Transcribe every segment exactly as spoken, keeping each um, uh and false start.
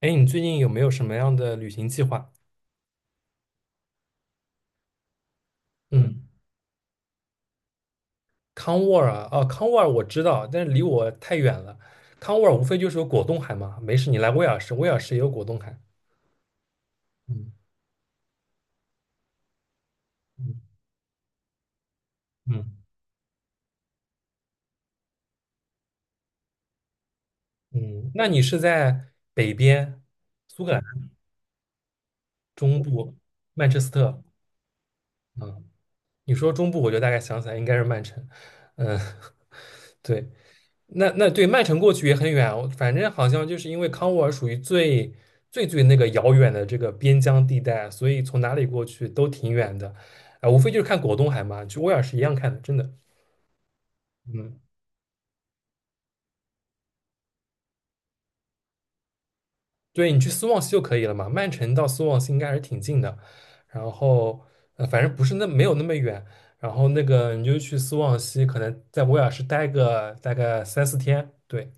哎，你最近有没有什么样的旅行计划？嗯，嗯。康沃尔啊，哦，康沃尔我知道，但是离我太远了。康沃尔无非就是有果冻海嘛，没事，你来威尔士，威尔士也有果冻海。嗯嗯嗯，嗯，那你是在北边，苏格兰中部曼彻斯特？嗯，你说中部，我就大概想起来应该是曼城。嗯，对。那那对曼城过去也很远，反正好像就是因为康沃尔属于最最最那个遥远的这个边疆地带，所以从哪里过去都挺远的，啊、无非就是看果冻海嘛，去威尔士一样看的，真的，嗯，对你去斯旺西就可以了嘛，曼城到斯旺西应该还是挺近的，然后呃，反正不是那没有那么远，然后那个你就去斯旺西，可能在威尔士待个大概三四天，对，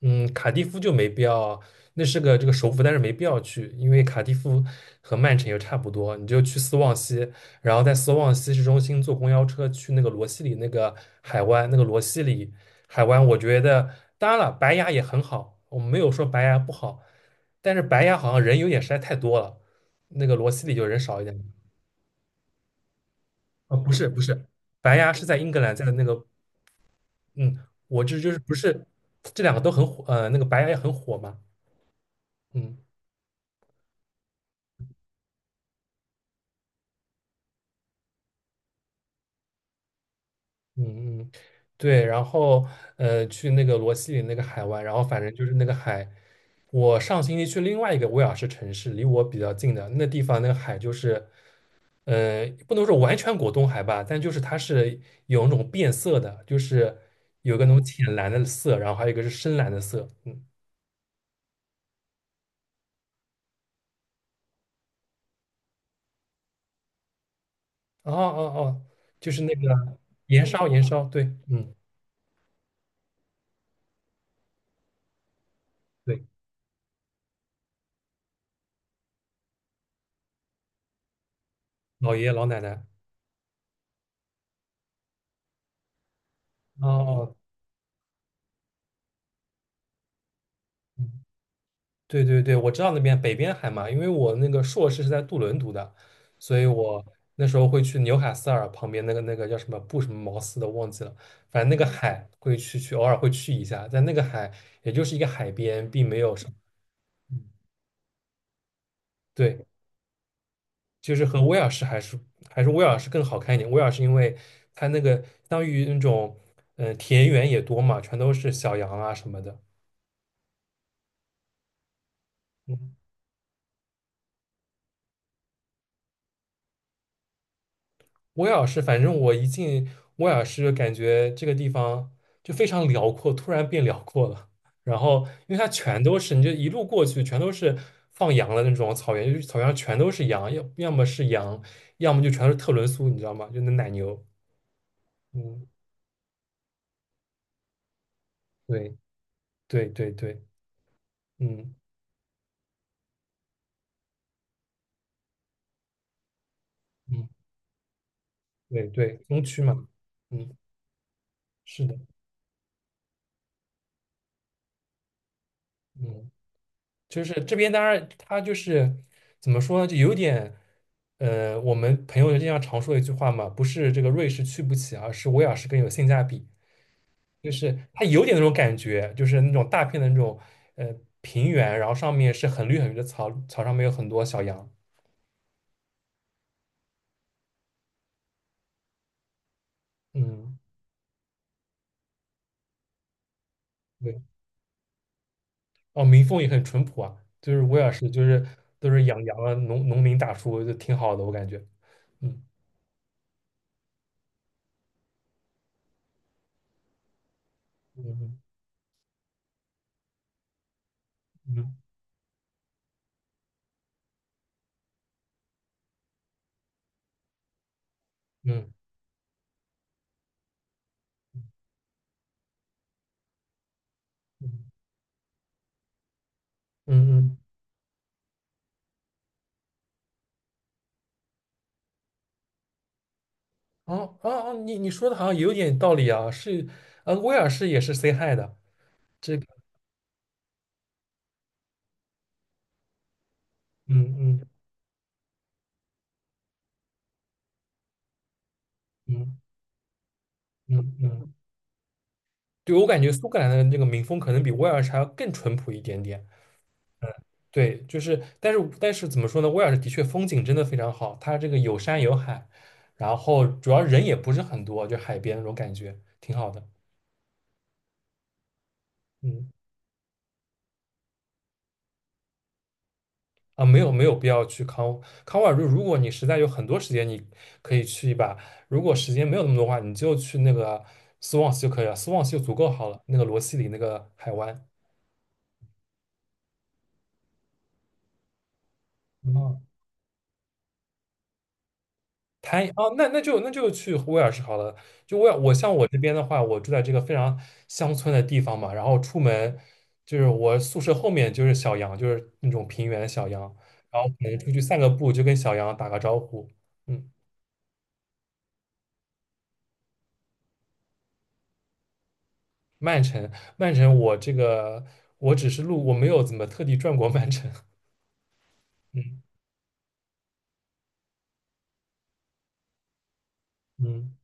嗯，卡蒂夫就没必要，那是个这个首府，但是没必要去，因为卡蒂夫和曼城又差不多，你就去斯旺西，然后在斯旺西市中心坐公交车去那个罗西里那个海湾，那个罗西里海湾，我觉得当然了，白牙也很好，我没有说白牙不好，但是白牙好像人有点实在太多了，那个罗西里就人少一点。哦，不是不是，白牙是在英格兰，在那个嗯，我这就是不是这两个都很火，呃，那个白牙也很火嘛，嗯。嗯嗯，对，然后呃，去那个罗西里那个海湾，然后反正就是那个海，我上星期去另外一个威尔士城市，离我比较近的那地方，那个海就是，呃，不能说完全果冻海吧，但就是它是有那种变色的，就是有个那种浅蓝的色，然后还有一个是深蓝的色，嗯，哦哦哦，就是那个盐烧盐烧，对，嗯，对，老爷爷老奶奶，哦哦。嗯对对对，我知道那边北边海嘛，因为我那个硕士是在杜伦读的，所以我那时候会去纽卡斯尔旁边那个那个叫什么布什么茅斯的忘记了，反正那个海会去去偶尔会去一下，在那个海也就是一个海边，并没有什么，嗯对，就是和威尔士还是还是威尔士更好看一点。威尔士因为它那个相当于那种嗯、呃田园也多嘛，全都是小羊啊什么的。嗯威尔士，反正我一进威尔士，感觉这个地方就非常辽阔，突然变辽阔了。然后，因为它全都是，你就一路过去，全都是放羊的那种草原，就是草原上全都是羊，要要么是羊，要么就全都是特仑苏，你知道吗？就那奶牛。嗯，对对对对，嗯嗯，对对，东区嘛，嗯，是的，嗯。就是这边当然他就是怎么说呢，就有点，呃，我们朋友经常常说的一句话嘛，不是这个瑞士去不起啊，而是威尔士更有性价比。就是它有点那种感觉，就是那种大片的那种呃平原，然后上面是很绿很绿的草，草上面有很多小羊。嗯，对，哦，民风也很淳朴啊，就是威尔士就是都是养羊啊，农农民大叔就挺好的，我感觉。嗯嗯嗯嗯嗯嗯嗯嗯。嗯哦哦哦，你你说的好像有点道理啊，是，呃，威尔士也是 say hi 的，这个，嗯嗯嗯嗯嗯，对，我感觉苏格兰的那个民风可能比威尔士还要更淳朴一点点，对，就是，但是但是怎么说呢，威尔士的确风景真的非常好，它这个有山有海，然后主要人也不是很多，就海边那种感觉，挺好的，嗯。啊，没有没有必要去康康沃尔，瑞。如果你实在有很多时间，你可以去一把；如果时间没有那么多的话，你就去那个斯旺 a 就可以了。斯旺 a 就足够好了，那个罗西里那个海湾。哦，它哦，那那就那就去威尔士好了。就威尔，我像我这边的话，我住在这个非常乡村的地方嘛，然后出门就是我宿舍后面就是小羊，就是那种平原的小羊，然后可能出去散个步，就跟小羊打个招呼。嗯。曼城，曼城，我这个我只是路，我没有怎么特地转过曼城。嗯嗯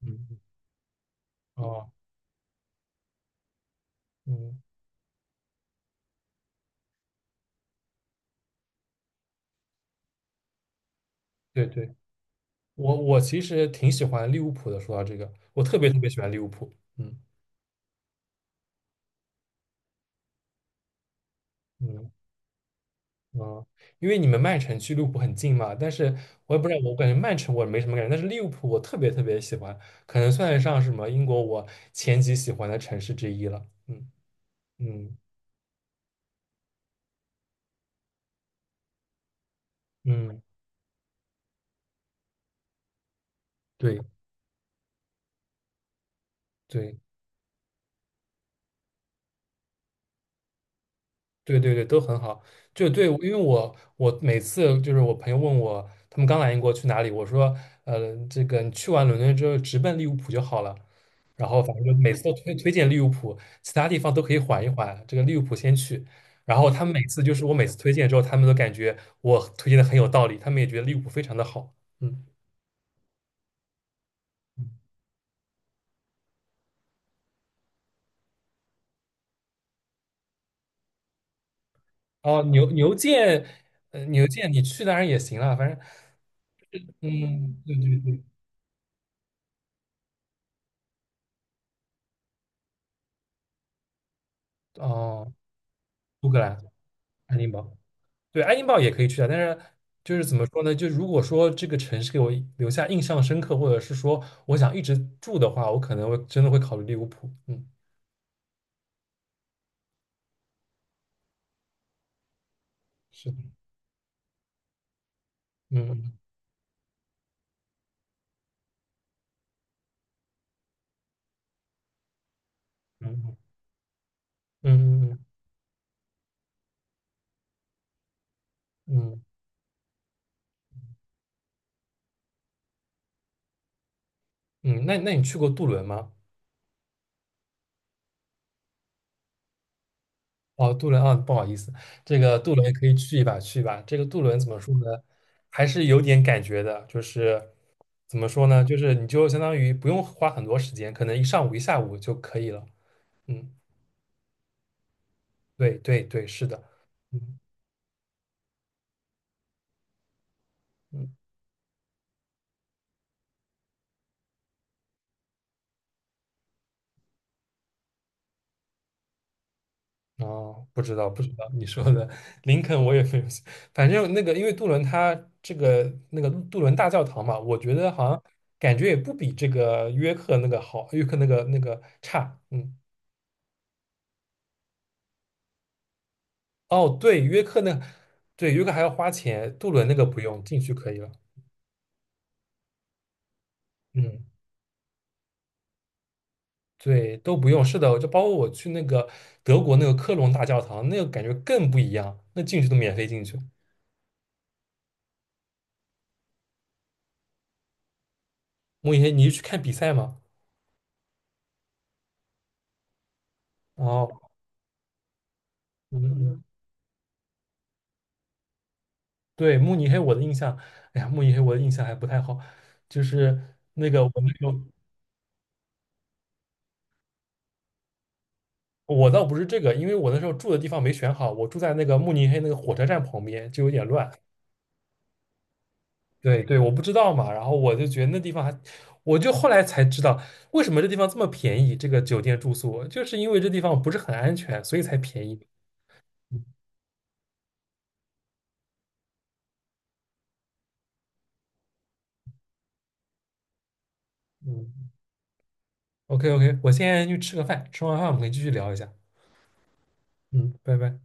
嗯，哦，嗯，对对，我我其实挺喜欢利物浦的。说到这个，我特别特别喜欢利物浦。嗯嗯嗯，因为你们曼城距利物浦很近嘛，但是我也不知道，我感觉曼城我没什么感觉，但是利物浦我特别特别喜欢，可能算得上什么英国我前几喜欢的城市之一了。嗯嗯嗯，对对。对对对，都很好。就对，因为我我每次就是我朋友问我，他们刚来英国去哪里，我说，呃，这个你去完伦敦之后直奔利物浦就好了。然后反正就每次都推推荐利物浦，其他地方都可以缓一缓，这个利物浦先去。然后他们每次就是我每次推荐之后，他们都感觉我推荐的很有道理，他们也觉得利物浦非常的好。嗯，哦，牛牛剑，呃，牛剑你去当然也行了，反正，嗯，对对对，哦，苏格兰，爱丁堡。对，爱丁堡也可以去啊，但是就是怎么说呢？就如果说这个城市给我留下印象深刻，或者是说我想一直住的话，我可能会真的会考虑利物浦。嗯，是的，嗯嗯嗯嗯嗯嗯，嗯嗯那那你去过杜伦吗？哦，杜伦啊，不好意思，这个杜伦可以去一把去一把。这个杜伦怎么说呢？还是有点感觉的，就是怎么说呢？就是你就相当于不用花很多时间，可能一上午一下午就可以了。嗯，对对对，是的。嗯。嗯哦，不知道，不知道你说的林肯我也没有，反正那个因为杜伦他这个那个杜伦大教堂嘛，我觉得好像感觉也不比这个约克那个好，约克那个那个差，嗯，哦，对，约克那，对，约克还要花钱，杜伦那个不用，进去可以了，嗯，对，都不用，是的，就包括我去那个德国那个科隆大教堂，那个感觉更不一样，那进去都免费进去，莫言，你是去看比赛吗？哦，嗯嗯对，慕尼黑，我的印象，哎呀，慕尼黑我的印象还不太好，就是那个我那时候，我倒不是这个，因为我那时候住的地方没选好，我住在那个慕尼黑那个火车站旁边，就有点乱。对对，我不知道嘛，然后我就觉得那地方还，我就后来才知道为什么这地方这么便宜，这个酒店住宿，就是因为这地方不是很安全，所以才便宜。嗯嗯，OK OK，我现在去吃个饭，吃完饭我们可以继续聊一下。嗯，拜拜。